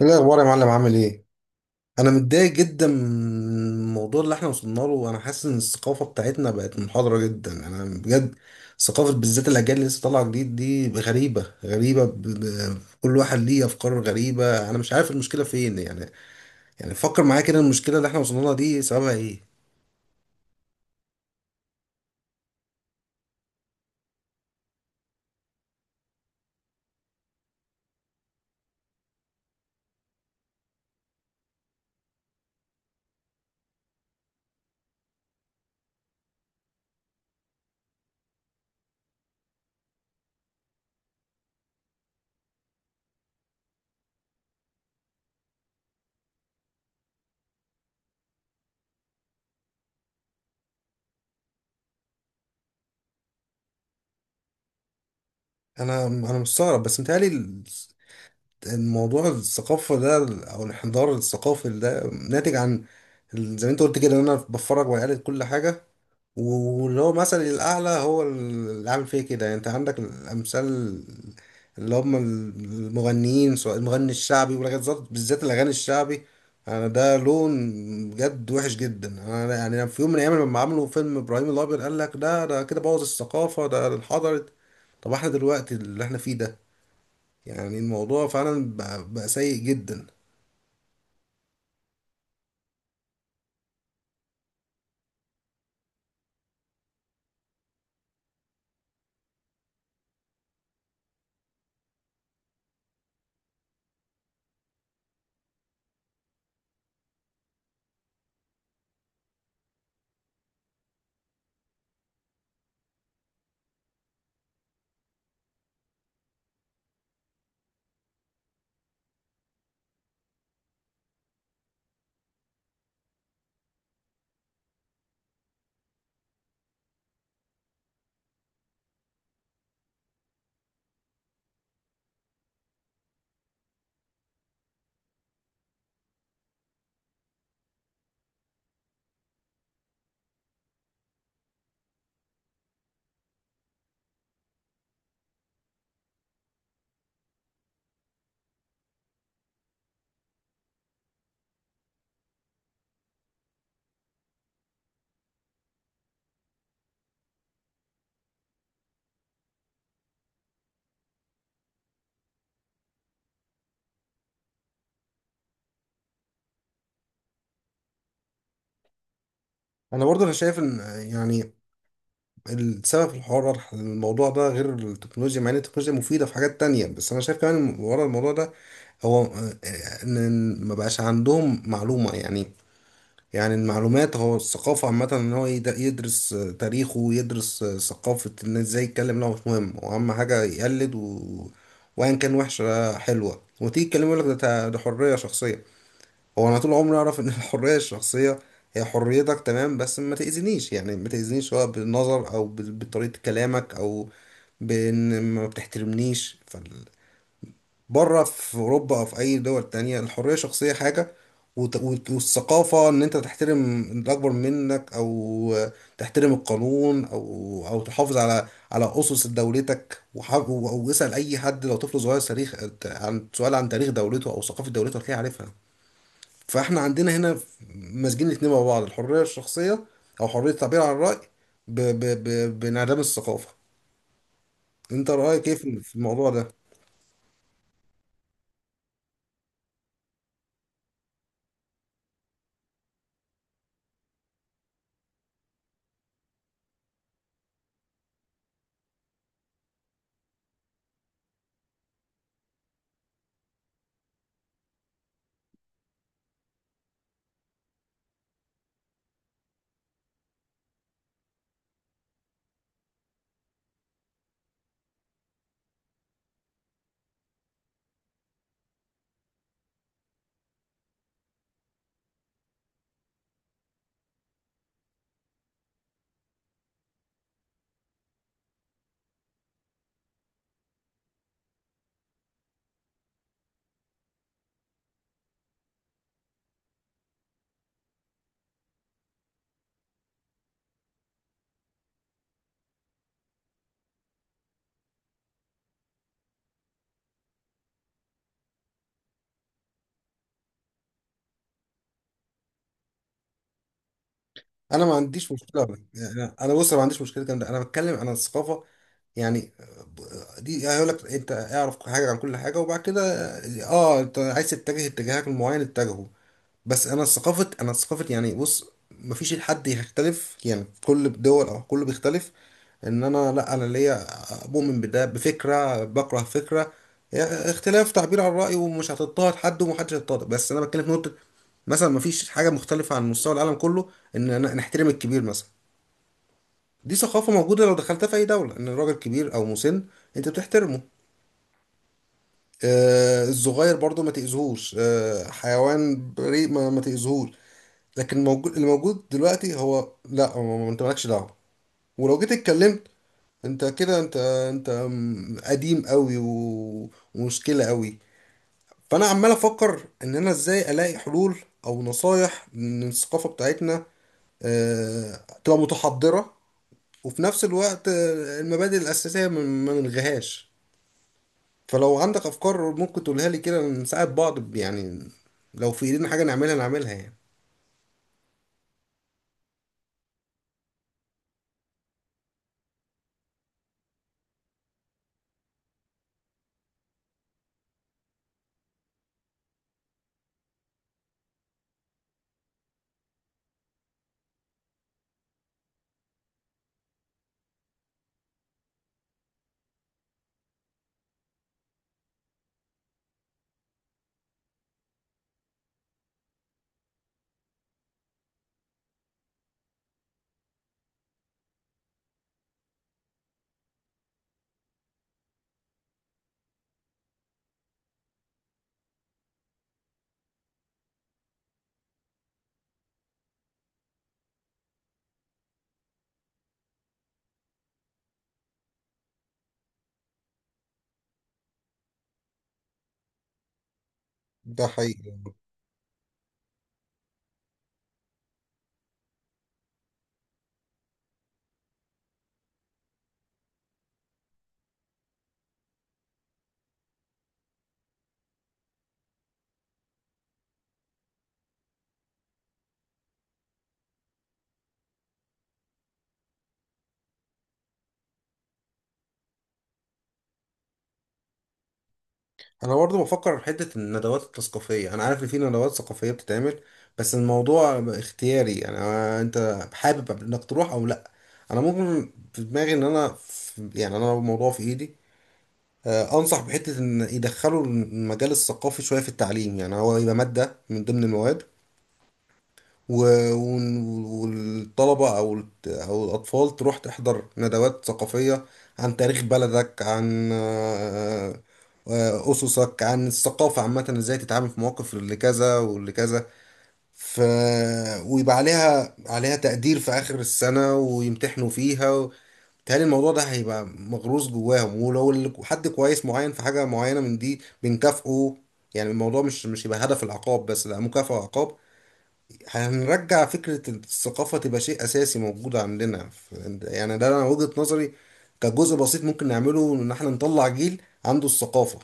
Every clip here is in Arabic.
ايه الاخبار يا معلم؟ عامل ايه؟ انا متضايق جدا من الموضوع اللي احنا وصلنا له، وانا حاسس ان الثقافه بتاعتنا بقت منحضره جدا. انا بجد ثقافه، بالذات الاجيال اللي لسه طالعه جديد دي غريبه غريبه، كل واحد ليه افكار غريبه. انا مش عارف المشكله فين يعني. يعني فكر معايا كده، المشكله اللي احنا وصلنا لها دي سببها ايه؟ انا مستغرب، بس متهيألي الموضوع الثقافه ده او الانحدار الثقافي ده ناتج عن زي ما انت قلت كده ان انا بتفرج، وقلت كل حاجه، واللي هو مثل الأعلى هو اللي عامل فيه كده. يعني أنت عندك الأمثال اللي هم المغنيين، سواء المغني الشعبي، ولغاية بالذات الأغاني الشعبي. أنا ده لون بجد وحش جدا. أنا يعني أنا في يوم من الأيام لما عملوا فيلم إبراهيم الأبيض قال لك ده، ده كده بوظ الثقافة، ده انحدرت. طب احنا دلوقتي اللي احنا فيه ده، يعني الموضوع فعلا بقى سيء جدا. أنا برضه شايف إن يعني السبب في الحوار ورا الموضوع ده غير التكنولوجيا، مع ان التكنولوجيا مفيدة في حاجات تانية، بس انا شايف كمان ورا الموضوع ده هو ان ما بقاش عندهم معلومة يعني. يعني المعلومات، هو الثقافة عامة ان هو يدرس تاريخه، ويدرس ثقافة الناس، ازاي يتكلم. لا، هو مش مهم، هو اهم حاجة يقلد وان كان وحشة حلوة، وتيجي تكلمه يقول لك ده، ده حرية شخصية. هو انا طول عمري اعرف ان الحريه الشخصيه هي حريتك، تمام، بس ما تاذينيش. يعني ما تاذينيش سواء بالنظر او بطريقه كلامك، او بان ما بتحترمنيش. بره في اوروبا او في اي دول تانية، الحريه الشخصيه حاجه، والثقافه ان انت تحترم الاكبر منك، او تحترم القانون، او او تحافظ على على اسس دولتك. واسال اي حد لو طفل صغير تاريخ، عن سؤال عن تاريخ دولته او ثقافه دولته، هتلاقيه عارفها. فاحنا عندنا هنا ماسكين الاتنين مع بعض، الحرية الشخصية أو حرية التعبير عن الرأي بانعدام الثقافة. أنت رأيك إيه في في الموضوع ده؟ أنا ما عنديش مشكلة، يعني أنا بص أنا ما عنديش مشكلة الكلام ده، أنا بتكلم عن الثقافة يعني. ب- دي هيقول لك أنت اعرف حاجة عن كل حاجة، وبعد كده أه أنت عايز تتجه اتجاهك المعين اتجهه. بس انا ثقافه، انا ثقافه يعني بص، مفيش حد هيختلف، يعني كل دول او كله بيختلف ان انا، لا انا ليا مؤمن بده، بفكره، بكره فكره. يعني اختلاف، تعبير عن الراي، ومش هتضطهد حد ومحدش هيضطهد. بس انا بتكلم في نقطه مثلا مفيش حاجه مختلفه عن مستوى العالم كله، ان أنا نحترم الكبير مثلا. دي ثقافه موجوده لو دخلتها في اي دوله، ان الراجل كبير او مسن انت بتحترمه. آه الصغير برضو ما تأذيهوش، آه حيوان بريء ما تأذيهوش. لكن الموجود اللي موجود دلوقتي هو لا، هو انت مالكش دعوه، ولو جيت اتكلمت انت كده انت قديم قوي ومشكله قوي. فانا عمال افكر ان انا ازاي الاقي حلول او نصايح من الثقافه بتاعتنا آه، تبقى متحضره، وفي نفس الوقت المبادئ الاساسيه ما نلغيهاش. فلو عندك افكار ممكن تقولها لي كده، نساعد بعض يعني، لو في ايدينا حاجه نعملها نعملها يعني. ده حقيقي. انا برضو بفكر في حته الندوات الثقافيه. انا عارف ان في ندوات ثقافيه بتتعمل، بس الموضوع اختياري، انا انت حابب انك تروح او لا. انا ممكن في دماغي ان انا يعني انا الموضوع في ايدي. انصح بحته ان يدخلوا المجال الثقافي شويه في التعليم، يعني هو يبقى ماده من ضمن المواد، والطلبة أو أو الأطفال تروح تحضر ندوات ثقافية عن تاريخ بلدك، عن أسسك، عن الثقافة عامة، إزاي تتعامل في مواقف اللي كذا واللي كذا. ف... ويبقى عليها تقدير في آخر السنة، ويمتحنوا فيها بيتهيألي الموضوع ده هيبقى مغروس جواهم. ولو حد كويس معين في حاجة معينة من دي بنكافئه، يعني الموضوع مش، مش يبقى هدف العقاب بس، لا، مكافأة وعقاب. هنرجع فكرة الثقافة تبقى شيء أساسي موجود عندنا. يعني ده أنا وجهة نظري، كجزء بسيط ممكن نعمله إن إحنا نطلع جيل عنده الثقافة.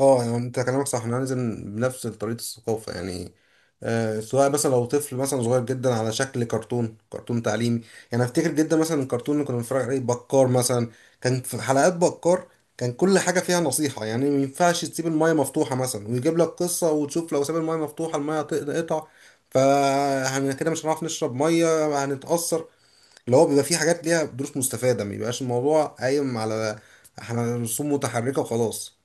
اه يعني انت كلامك صح، احنا لازم بنفس طريقة الثقافة يعني. آه سواء مثلا لو طفل مثلا صغير جدا، على شكل كرتون، كرتون تعليمي. يعني افتكر جدا مثلا الكرتون اللي كنا بنتفرج عليه بكار مثلا، كان في حلقات بكار، كان كل حاجة فيها نصيحة، يعني ما ينفعش تسيب المايه مفتوحة مثلا، ويجيب لك قصة وتشوف لو ساب المايه مفتوحة المايه هتقطع فاحنا كده مش هنعرف نشرب مية هنتأثر. اللي هو بيبقى فيه حاجات ليها دروس مستفادة، ما بيبقاش الموضوع قايم على احنا رسوم متحركة وخلاص.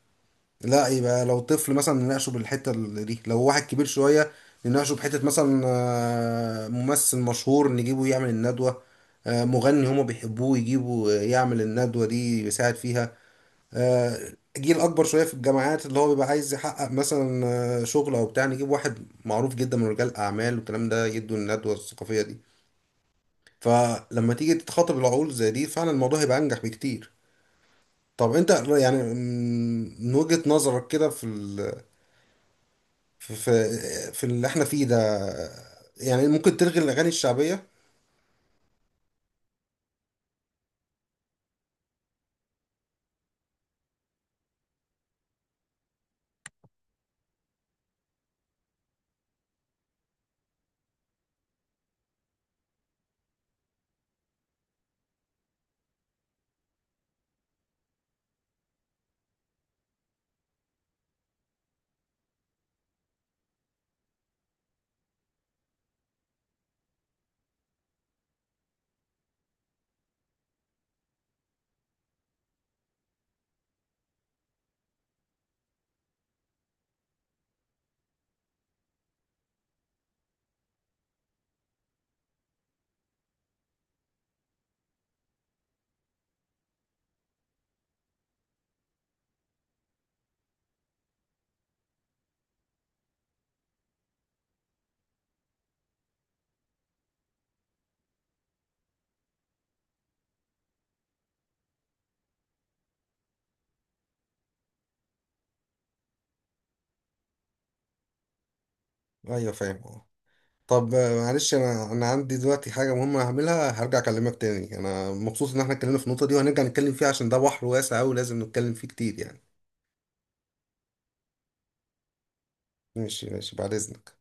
لا، يبقى لو طفل مثلا نناقشه بالحته دي، لو واحد كبير شويه نناقشه بحته، مثلا ممثل مشهور نجيبه يعمل الندوه، مغني هما بيحبوه يجيبوا يعمل الندوه دي يساعد فيها. آه، جيل اكبر شويه في الجامعات اللي هو بيبقى عايز يحقق مثلا شغل او بتاع، نجيب واحد معروف جدا من رجال الاعمال والكلام ده يدوا الندوه الثقافيه دي. فلما تيجي تتخاطب العقول زي دي، فعلا الموضوع هيبقى انجح بكتير. طب انت يعني من وجهة نظرك كده في في في اللي احنا فيه ده، يعني ممكن تلغي الأغاني الشعبية؟ أيوة، فاهم اه. طب معلش، أنا عندي دلوقتي حاجة مهمة هعملها، هرجع أكلمك تاني. أنا مبسوط إن احنا اتكلمنا في النقطة دي، وهنرجع نتكلم فيها عشان ده بحر واسع أوي لازم نتكلم فيه كتير يعني. ماشي ماشي، بعد إذنك.